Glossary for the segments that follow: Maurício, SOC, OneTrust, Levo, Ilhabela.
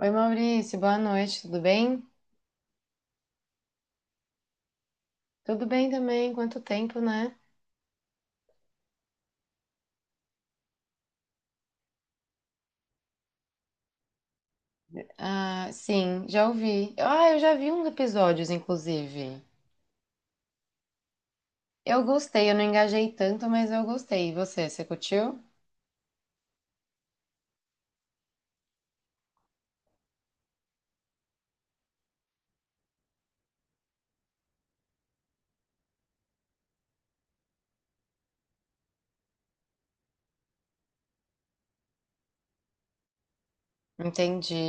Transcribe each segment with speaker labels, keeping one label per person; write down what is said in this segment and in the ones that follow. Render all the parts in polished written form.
Speaker 1: Oi, Maurício, boa noite, tudo bem? Tudo bem também, quanto tempo, né? Ah, sim, já ouvi. Ah, eu já vi uns episódios, inclusive. Eu gostei, eu não engajei tanto, mas eu gostei. E você, curtiu? Entendi.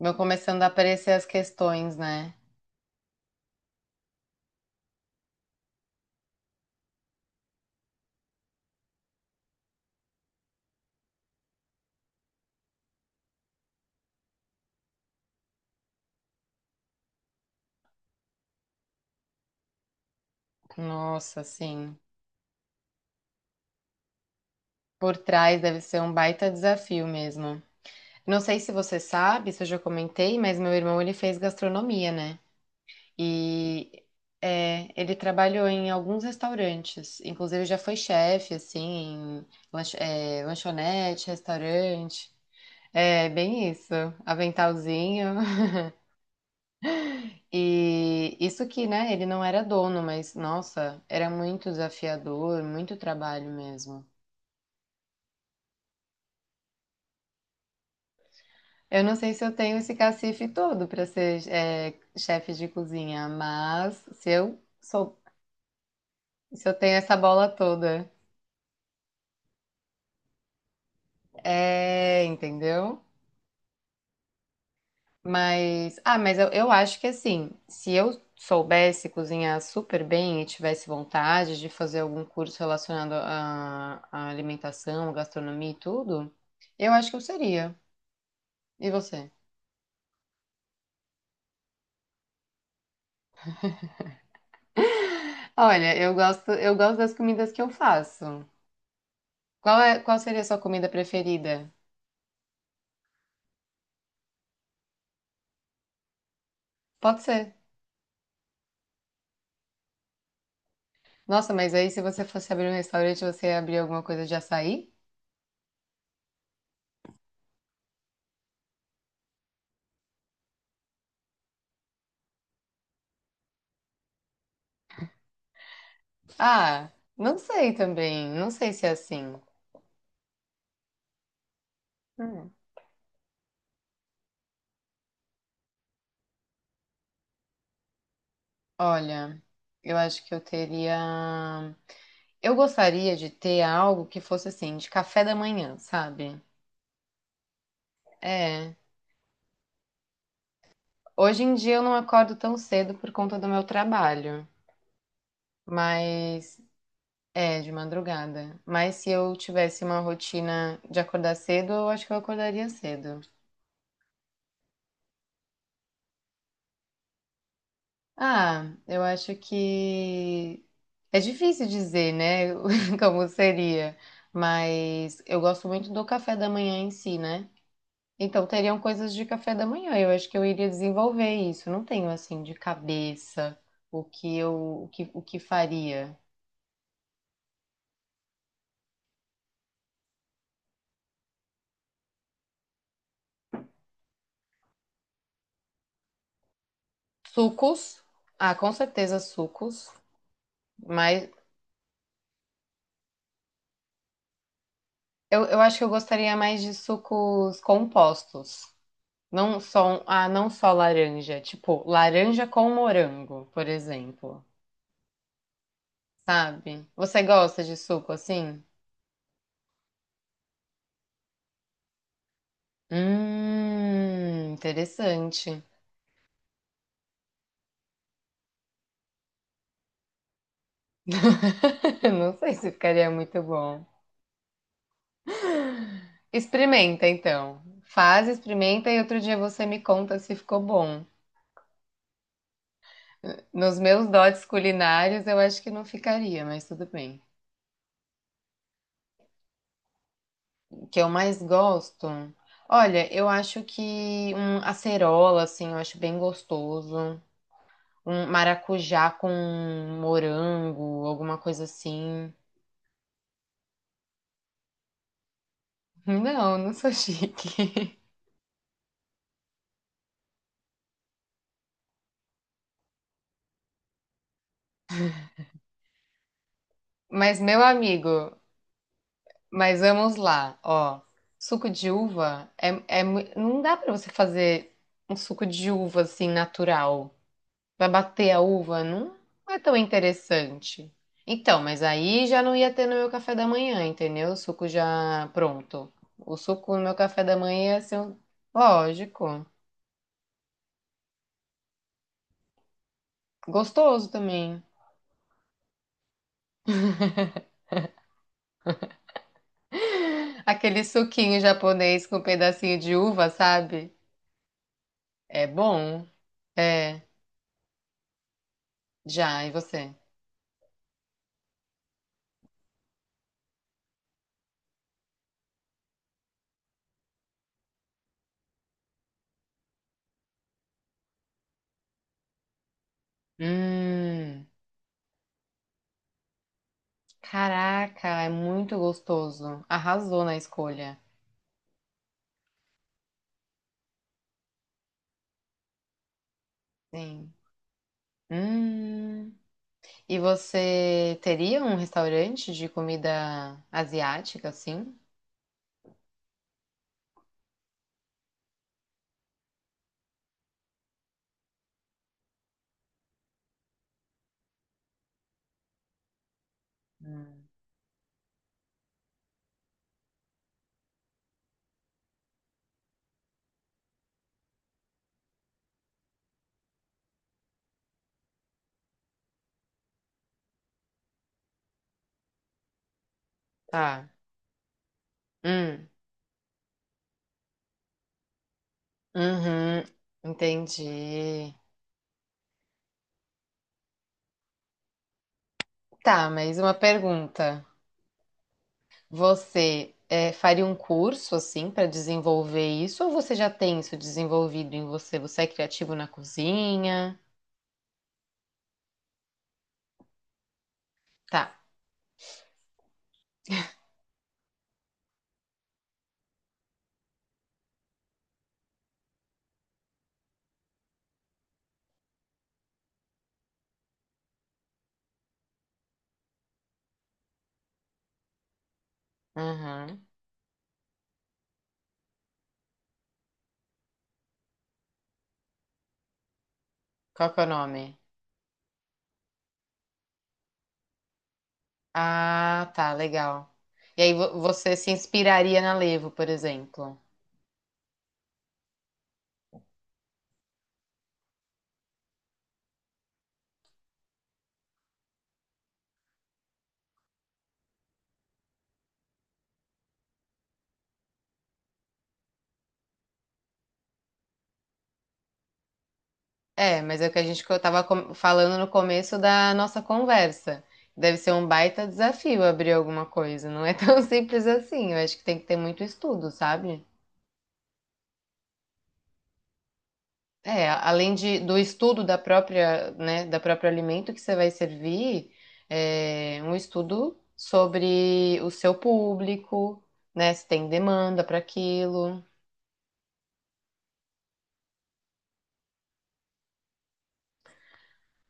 Speaker 1: Vão começando a aparecer as questões, né? Nossa, sim. Por trás deve ser um baita desafio mesmo. Não sei se você sabe, se eu já comentei, mas meu irmão ele fez gastronomia, né? E é, ele trabalhou em alguns restaurantes, inclusive já foi chefe, assim, em lanchonete, restaurante. É bem isso, aventalzinho. E isso que, né, ele não era dono, mas nossa, era muito desafiador, muito trabalho mesmo. Eu não sei se eu tenho esse cacife todo para ser chefe de cozinha, mas se eu sou, se eu tenho essa bola toda, é, entendeu? Mas, ah, mas eu acho que assim, se eu soubesse cozinhar super bem e tivesse vontade de fazer algum curso relacionado à alimentação, gastronomia e tudo, eu acho que eu seria. E você? Olha, eu gosto das comidas que eu faço. Qual é, qual seria a sua comida preferida? Pode ser. Nossa, mas aí se você fosse abrir um restaurante, você ia abrir alguma coisa de açaí? Ah, não sei também. Não sei se é assim. Hum. Olha, eu acho que eu teria. Eu gostaria de ter algo que fosse assim, de café da manhã, sabe? É. Hoje em dia eu não acordo tão cedo por conta do meu trabalho, mas é de madrugada. Mas se eu tivesse uma rotina de acordar cedo, eu acho que eu acordaria cedo. Ah, eu acho que é difícil dizer, né, como seria, mas eu gosto muito do café da manhã em si, né? Então, teriam coisas de café da manhã. Eu acho que eu iria desenvolver isso. Não tenho assim de cabeça o que eu o que faria. Sucos. Ah, com certeza sucos. Mas eu acho que eu gostaria mais de sucos compostos. Não só, ah, não só laranja. Tipo, laranja com morango, por exemplo. Sabe? Você gosta de suco assim? Interessante. Não sei se ficaria muito bom. Experimenta então. Faz, experimenta e outro dia você me conta se ficou bom. Nos meus dotes culinários, eu acho que não ficaria, mas tudo bem. O que eu mais gosto? Olha, eu acho que um acerola, assim, eu acho bem gostoso. Um maracujá com morango, alguma coisa assim. Não, não sou chique. Mas, meu amigo, mas vamos lá, ó. Suco de uva não dá pra você fazer um suco de uva assim natural. Vai bater a uva, não é tão interessante. Então, mas aí já não ia ter no meu café da manhã, entendeu? O suco já pronto. O suco no meu café da manhã ia ser um... lógico, gostoso também. Aquele suquinho japonês com um pedacinho de uva, sabe? É bom. É, já, e você? Hum. Caraca, é muito gostoso. Arrasou na escolha. Sim. Hum. E você teria um restaurante de comida asiática, assim? Hum. Tá. Hum. Uhum. Entendi. Tá, mas uma pergunta. Você é, faria um curso, assim, para desenvolver isso? Ou você já tem isso desenvolvido em você? Você é criativo na cozinha? Tá. Uhum. Qual que é o nome? Ah, tá, legal. E aí você se inspiraria na Levo, por exemplo. É, mas é o que a gente tava falando no começo da nossa conversa. Deve ser um baita desafio abrir alguma coisa. Não é tão simples assim. Eu acho que tem que ter muito estudo, sabe? É, além de, do estudo da própria, né, da próprio alimento que você vai servir, é um estudo sobre o seu público, né, se tem demanda para aquilo.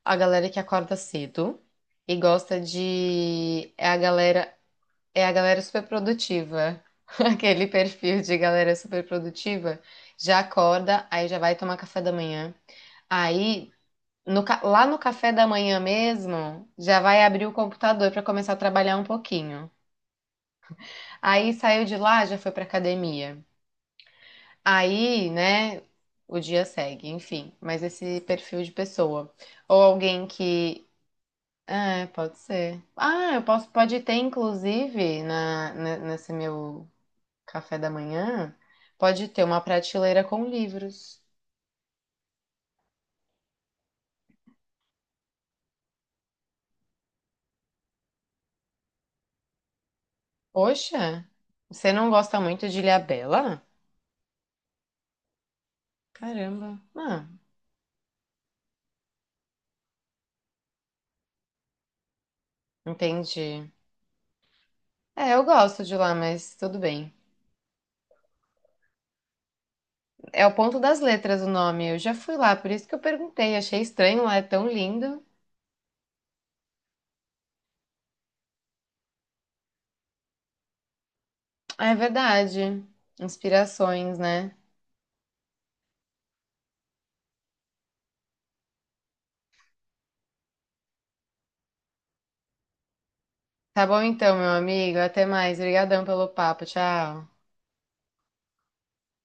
Speaker 1: A galera que acorda cedo e gosta de é a galera super produtiva. Aquele perfil de galera super produtiva já acorda, aí já vai tomar café da manhã. Aí no lá no café da manhã mesmo, já vai abrir o computador para começar a trabalhar um pouquinho. Aí saiu de lá, já foi para academia. Aí, né, o dia segue, enfim, mas esse perfil de pessoa ou alguém que É, pode ser. Ah, eu posso, pode ter, inclusive, nesse meu café da manhã, pode ter uma prateleira com livros. Poxa, você não gosta muito de Ilhabela? Caramba. Ah, entendi. É, eu gosto de lá, mas tudo bem. É o Ponto das Letras o nome. Eu já fui lá, por isso que eu perguntei. Achei estranho lá, é tão lindo. É verdade. Inspirações, né? Tá bom então, meu amigo. Até mais. Obrigadão pelo papo. Tchau.